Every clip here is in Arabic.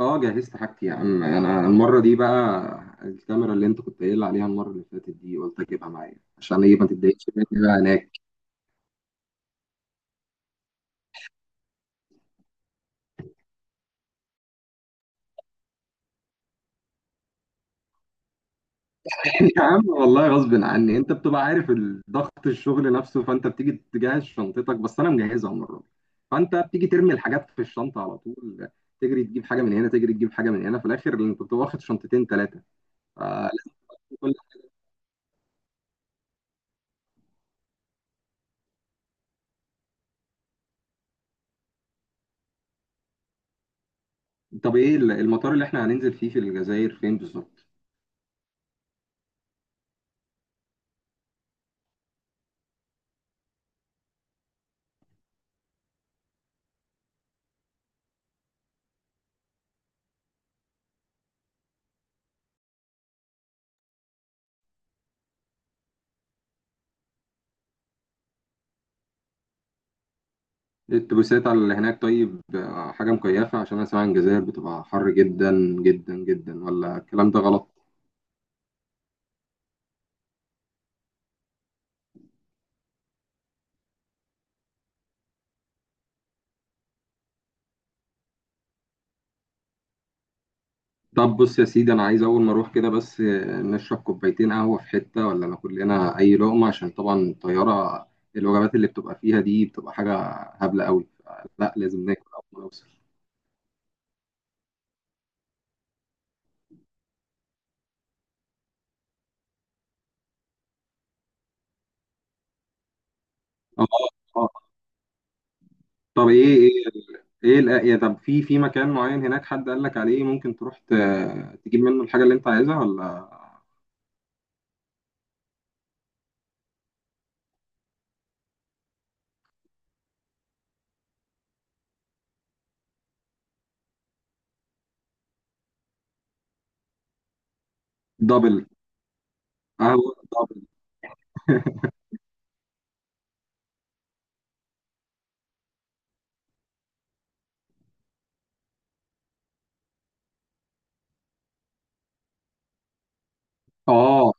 اه، جهزت حاجتي يا عم. انا المره دي بقى الكاميرا اللي انت كنت قايل عليها المره اللي فاتت دي قلت اجيبها معايا عشان ايه؟ ما تتضايقش مني بقى هناك. يا عم والله غصب عني، انت بتبقى عارف ضغط الشغل نفسه. فانت بتيجي تجهز شنطتك، بس انا مجهزها المره دي. فانت بتيجي ترمي الحاجات في الشنطه على طول، تجري تجيب حاجه من هنا، تجري تجيب حاجه من هنا، في الاخر انت بتبقى واخد شنطتين 3. فلازم كل- طب ايه المطار اللي احنا هننزل فيه في الجزائر فين بالظبط؟ الاتوبيسات على اللي هناك طيب، حاجة مكيفة عشان أنا سامع إن الجزائر بتبقى حر جدا جدا جدا، ولا الكلام ده غلط؟ طب بص يا سيدي، أنا عايز أول ما أروح كده بس نشرب كوبايتين قهوة في حتة، ولا ناكل لنا أي لقمة؟ عشان طبعا الطيارة، الوجبات اللي بتبقى فيها دي بتبقى حاجة هبلة قوي. لا، لازم ناكل أول ما نوصل. آه. آه. طب إيه. يا طب، في مكان معين هناك حد قال لك عليه ممكن تروح تجيب منه الحاجة اللي أنت عايزها ولا؟ دبل. قهوة دبل. آه.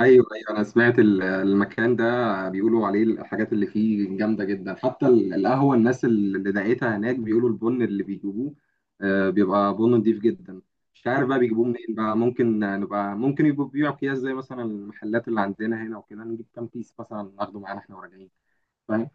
ايوه، ايوه، انا سمعت المكان ده بيقولوا عليه الحاجات اللي فيه جامده جدا. حتى القهوه، الناس اللي دقيتها هناك بيقولوا البن اللي بيجيبوه بيبقى بن نضيف جدا. مش عارف بقى بيجيبوه منين بقى. ممكن يبقوا بيبيعوا اكياس زي مثلا المحلات اللي عندنا هنا وكده، نجيب كام كيس مثلا ناخده معانا احنا وراجعين. فاهم.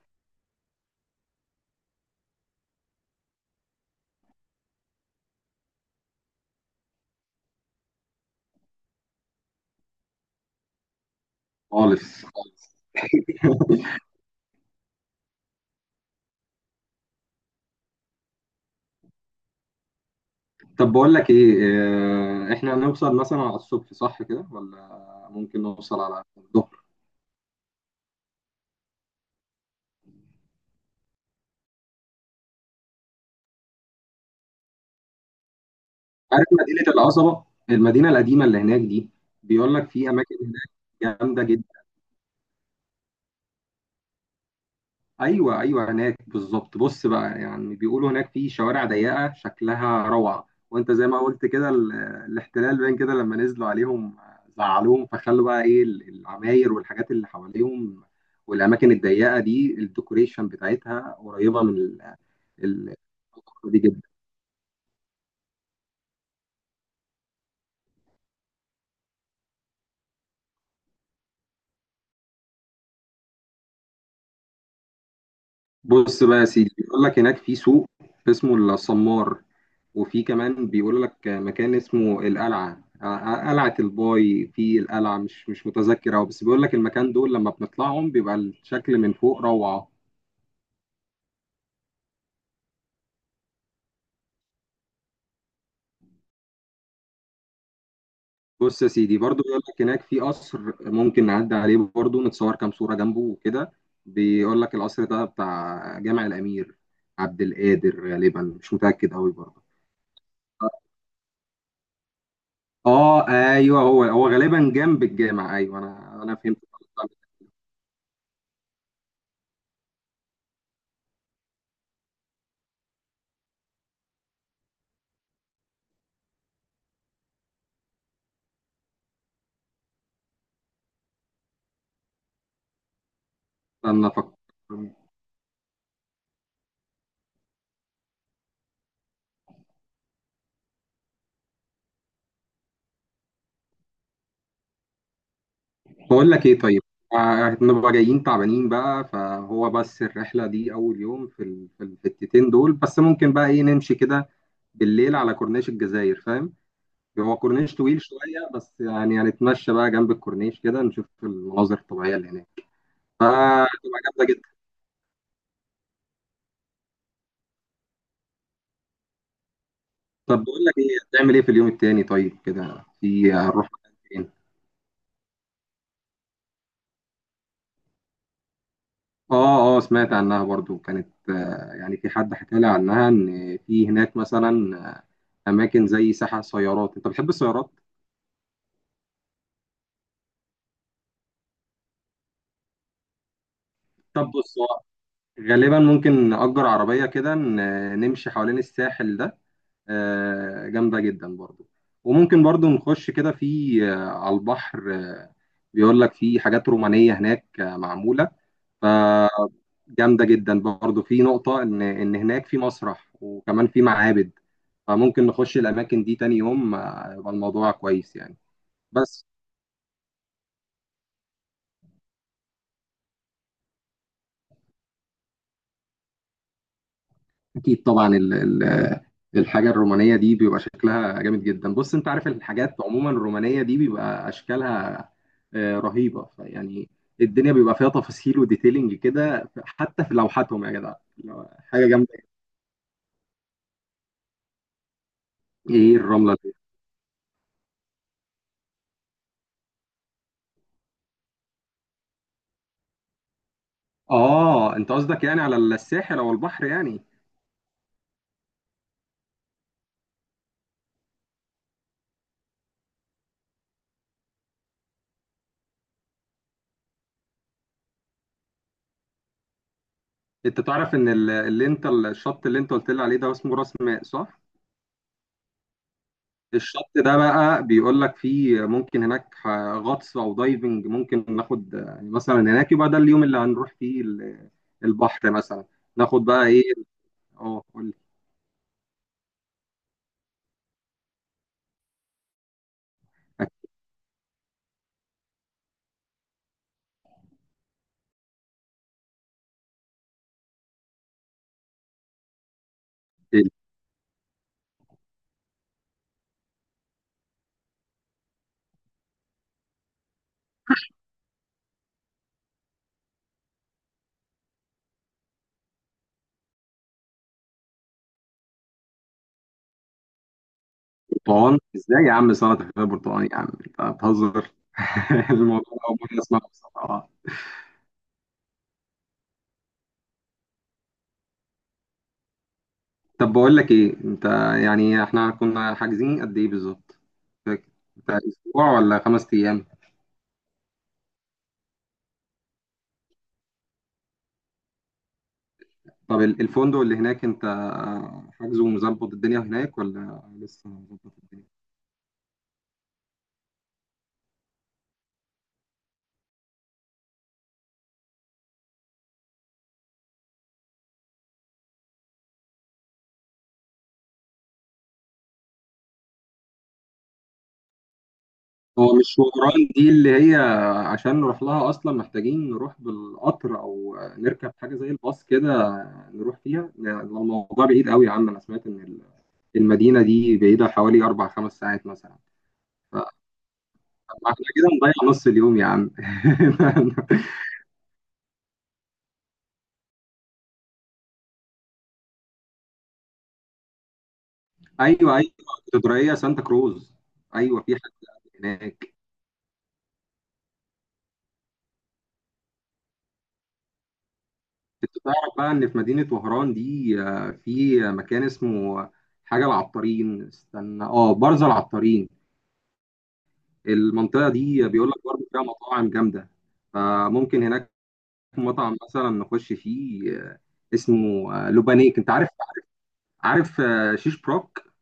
خالص، خالص. طب بقول لك ايه. احنا هنوصل مثلا على الصبح صح كده، ولا ممكن نوصل على الظهر؟ عارف مدينة القصبة، المدينة القديمة اللي هناك دي؟ بيقول لك في أماكن هناك جامدة جدا. أيوه، أيوه، هناك بالظبط. بص بقى، يعني بيقولوا هناك في شوارع ضيقة شكلها روعة، وأنت زي ما قلت كده الاحتلال باين كده، لما نزلوا عليهم زعلوهم فخلوا بقى العماير والحاجات اللي حواليهم، والأماكن الضيقة دي الديكوريشن بتاعتها قريبة من ال- دي جدا. بص بقى يا سيدي، بيقول لك هناك في سوق اسمه الصمار، وفي كمان بيقول لك مكان اسمه القلعة. قلعة الباي، في القلعة مش متذكر أوي، بس بيقول لك المكان دول لما بنطلعهم بيبقى الشكل من فوق روعة. بص يا سيدي برضو، بيقول لك هناك في قصر ممكن نعدي عليه برضو، نتصور كام صورة جنبه وكده. بيقول لك القصر ده بتاع جامع الأمير عبد القادر، غالبا مش متأكد أوي برضو. اه، ايوه، هو غالبا جنب الجامع. ايوه، انا فهمت. استنى افكر. بقول لك ايه طيب، نبقى جايين تعبانين بقى، فهو بس الرحله دي اول يوم في الحتتين دول بس، ممكن بقى ايه نمشي كده بالليل على كورنيش الجزائر، فاهم. هو كورنيش طويل شويه، بس يعني هنتمشى بقى جنب الكورنيش كده، نشوف المناظر الطبيعيه اللي هناك فتبقى جامده جدا. طب بقول لك ايه، هتعمل ايه في اليوم التاني طيب؟ كده في هنروح مكان فين؟ اه، اه، سمعت عنها برضو كانت، يعني في حد حكى لي عنها ان في هناك مثلا اماكن زي ساحة سيارات، انت بتحب السيارات. طب بص، هو غالبا ممكن نأجر عربية كده نمشي حوالين الساحل ده، جامدة جدا برضو. وممكن برضو نخش كده في آه، على البحر. بيقول لك في حاجات رومانية هناك معمولة، فجامده جدا برضو. في نقطه ان هناك في مسرح وكمان في معابد، فممكن نخش الاماكن دي تاني يوم يبقى الموضوع كويس يعني. بس اكيد طبعا ال- الحاجه الرومانيه دي بيبقى شكلها جامد جدا. بص انت عارف الحاجات عموما الرومانيه دي بيبقى اشكالها رهيبه فيعني. الدنيا بيبقى فيها تفاصيل وديتيلنج كده حتى في لوحاتهم، يا جدع حاجه جامده. ايه الرمله دي؟ اه، انت قصدك يعني على الساحل او البحر يعني. انت تعرف ان ال- اللي انت الشط اللي انت قلت لي عليه ده اسمه راس ماء صح؟ الشط ده بقى بيقول لك فيه ممكن هناك غطس او دايفنج، ممكن ناخد يعني مثلا هناك، يبقى ده اليوم اللي هنروح فيه البحر مثلا، ناخد بقى ايه. اه، قول لي. أكل. البرتقال ازاي يا عم؟ سلطه فيها برتقال، يا عم انت بتهزر. الموضوع ده اول مره اسمعه بصراحه، اه. طب بقول لك ايه انت، يعني احنا كنا حاجزين قد ايه بالظبط؟ فاكر؟ بتاع اسبوع ولا 5 ايام؟ طب الفندق اللي هناك انت حاجزه ومظبط الدنيا هناك، ولا لسه مظبط الدنيا؟ هو مش شوران دي اللي هي؟ عشان نروح لها اصلا محتاجين نروح بالقطر، او نركب حاجه زي الباص كده نروح فيها، يعني الموضوع بعيد قوي يا عم. انا سمعت ان المدينه دي بعيده حوالي 4 5 ساعات مثلا، فاحنا كده نضيع نص اليوم يا عم. ايوه، ايوه، اسكندريه سانتا كروز. ايوه في حاجه هناك. انت تعرف بقى ان في مدينة وهران دي في مكان اسمه حاجة العطارين، استنى اه برزة العطارين. المنطقة دي بيقول لك برضه فيها مطاعم جامدة، فممكن هناك مطعم مثلا نخش فيه، اسمه لوبانيك، انت عارف. عارف شيش بروك.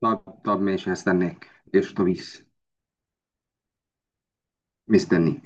طب طب ماشي، هستناك ايش طبيس. مستنيك.